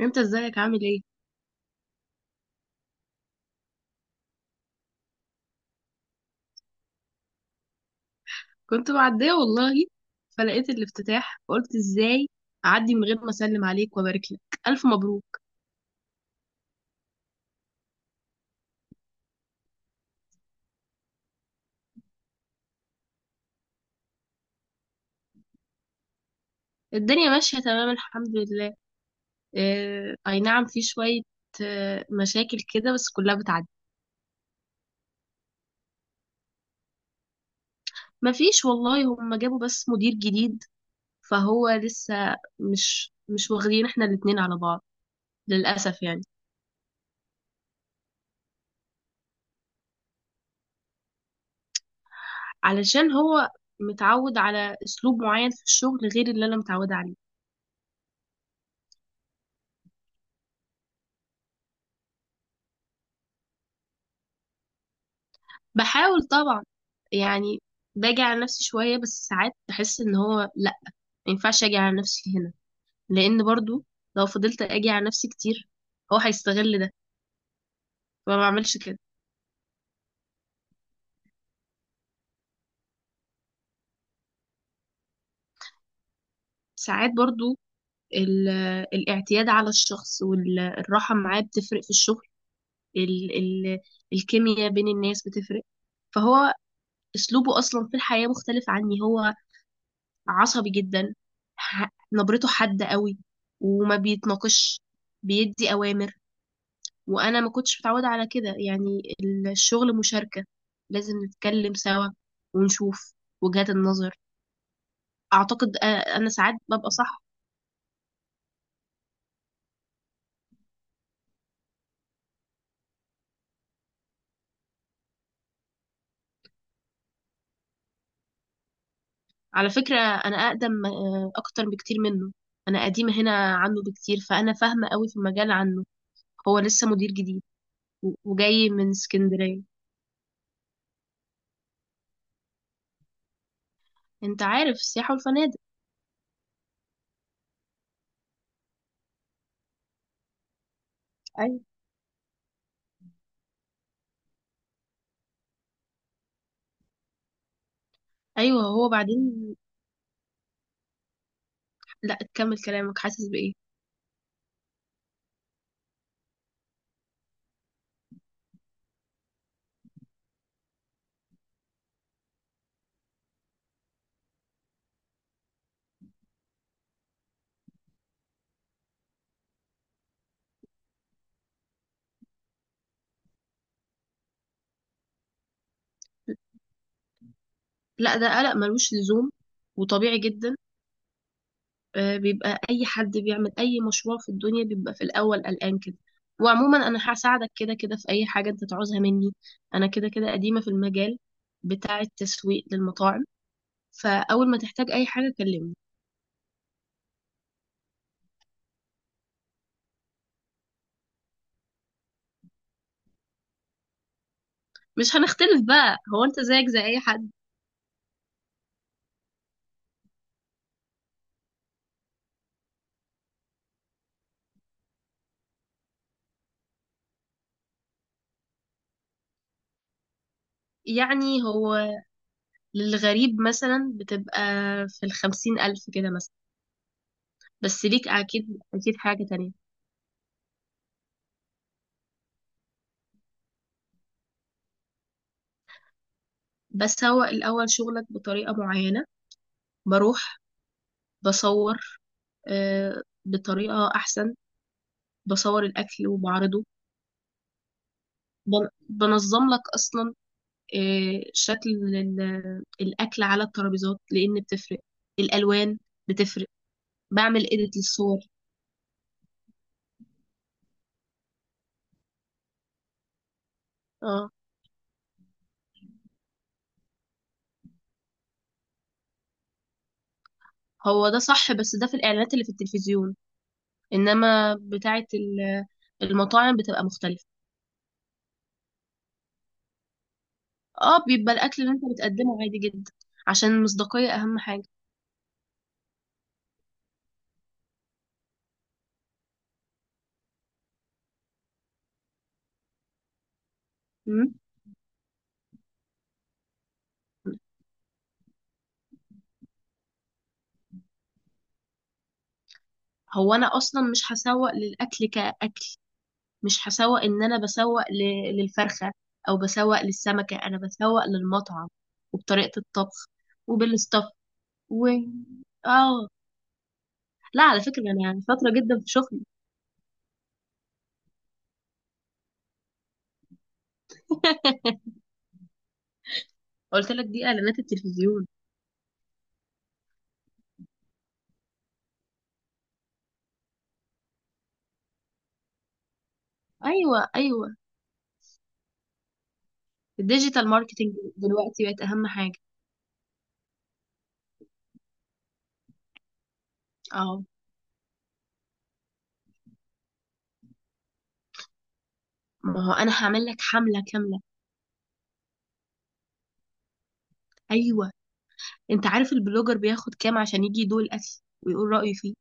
انت ازيك عامل ايه؟ كنت معديه والله. فلقيت الافتتاح فقلت ازاي، اعدي من غير ما اسلم عليك وابارك لك. الف مبروك. الدنيا ماشيه تمام الحمد لله. اه، اي نعم، في شويه اه مشاكل كده بس كلها بتعدي. مفيش والله، هم جابوا بس مدير جديد، فهو لسه مش واخدين احنا الاتنين على بعض للاسف يعني. علشان هو متعود على اسلوب معين في الشغل غير اللي انا متعوده عليه. بحاول طبعا يعني، باجي على نفسي شوية بس ساعات بحس ان هو لا، ما ينفعش اجي على نفسي هنا لان برضو لو فضلت اجي على نفسي كتير هو هيستغل ده فما بعملش كده. ساعات برضو ال- الاعتياد على الشخص والراحة معاه بتفرق في الشغل. ال ال الكيمياء بين الناس بتفرق فهو اسلوبه اصلا في الحياة مختلف عني، هو عصبي جدا. نبرته حادة قوي وما بيتناقش. بيدي اوامر وانا ما كنتش متعوده على كده يعني. الشغل مشاركه، لازم نتكلم سوا ونشوف وجهات النظر. اعتقد، انا ساعات ببقى صح. على فكره انا اقدم اكتر بكتير منه. انا قديمه هنا عنه بكتير فانا فاهمه قوي في المجال عنه. هو لسه مدير جديد و- وجاي من اسكندريه. انت عارف السياحه والفنادق. ايوه، ايوه. هو بعدين، لا، كمل كلامك، حاسس بايه؟ لا، ده قلق ملوش لزوم وطبيعي جدا. بيبقى اي حد بيعمل اي مشروع في الدنيا بيبقى في الاول قلقان كده. وعموما انا هساعدك كده كده في اي حاجه انت تعوزها مني. انا كده كده قديمه في المجال بتاع التسويق للمطاعم. فاول ما تحتاج اي حاجه كلمني. مش هنختلف بقى، هو انت زيك زي اي حد. يعني هو للغريب مثلا بتبقى في الخمسين الف كده مثلا. بس ليك اكيد اكيد حاجه تانية. بسوق الاول شغلك بطريقه معينه. بروح بصور بطريقة أحسن. بصور الأكل وبعرضه. بنظم لك أصلا شكل الأكل على الترابيزات لأن بتفرق الألوان بتفرق. بعمل إيديت للصور. اه، هو ده صح بس ده في الإعلانات اللي في التلفزيون. إنما بتاعة المطاعم بتبقى مختلفة. اه، بيبقى الأكل اللي أنت بتقدمه عادي جدا. عشان المصداقية أهم حاجة. مم. هو أنا أصلا مش هسوق للأكل كأكل. مش هسوق ان انا بسوق للفرخة او بسوق للسمكة انا بسوق للمطعم. وبطريقة الطبخ وبالستاف و اه لا، على فكرة انا شاطرة جدا في شغلي. قلت لك دي اعلانات التلفزيون. ايوه، ايوه. الديجيتال ماركتنج دلوقتي بقت اهم حاجة. اه، ما هو انا هعمل لك حملة كاملة. ايوه. انت عارف البلوجر بياخد كام عشان يجي يدوق الاكل ويقول رأيه فيه؟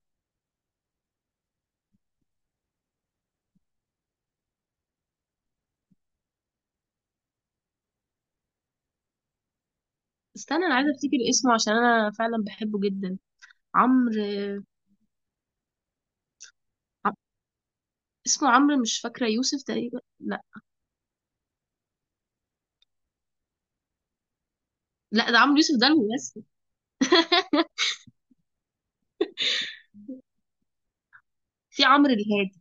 استنى انا عايزه افتكر اسمه عشان انا فعلا بحبه جدا. عمرو. اسمه عمرو مش فاكرة يوسف تقريبا، لا. لا، ده عمرو يوسف، ده الممثل. في عمرو الهادي.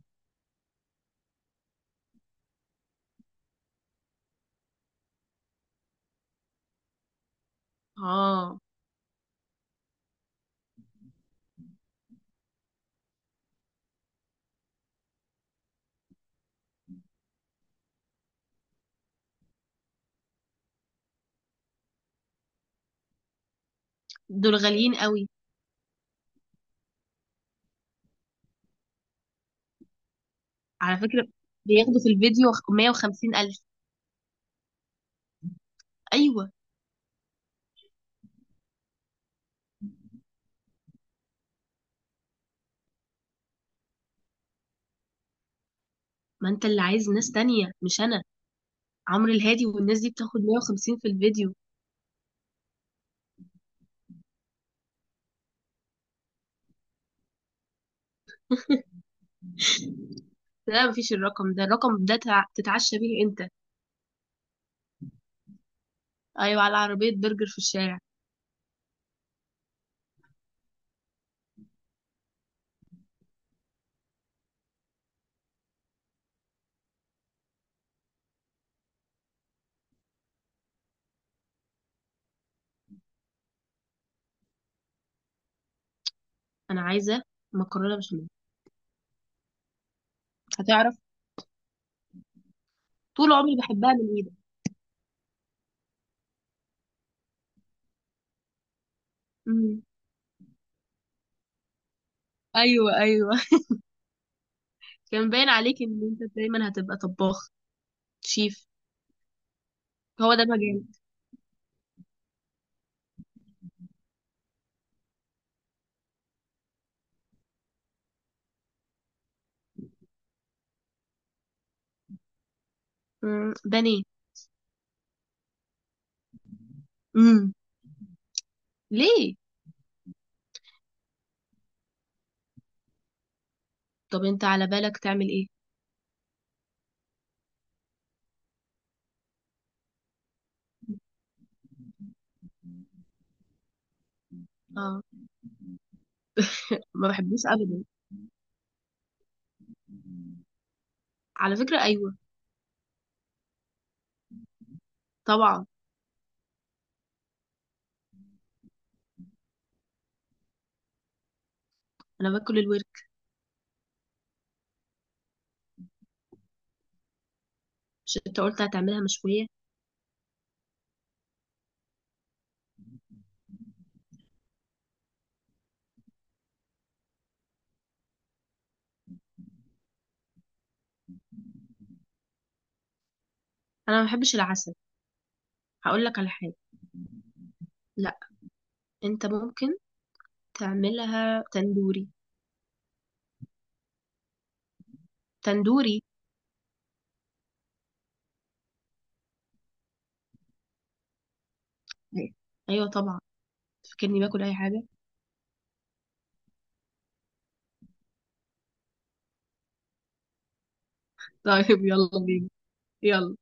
اه. دول غاليين قوي. على فكرة بياخدوا في الفيديو 150 ألف. أيوة. ما أنت اللي عايز ناس تانية مش أنا. عمرو الهادي والناس دي بتاخد 150 في الفيديو. لا، مفيش، الرقم ده الرقم ده تتعشى بيه أنت. أيوة، على عربية برجر في الشارع. أنا عايزة مكرونة بشاميل. هتعرف. طول عمري بحبها من إيدك. أمم. أيوة، أيوة. كان باين عليك إن أنت دايما هتبقى طباخ شيف. هو ده المجال. مم. بانيه. مم. ليه؟ طب انت على بالك تعمل ايه؟ اه، ما بحبوش ابدا. على فكرة ايوه طبعا. انا باكل الورك. مش انت قلت هتعملها مشوية؟ انا ما بحبش العسل. هقول لك على حاجة. لا، انت ممكن تعملها تندوري. تندوري. ايوه طبعا. فكرني باكل اي حاجة. طيب يلا بينا يلا.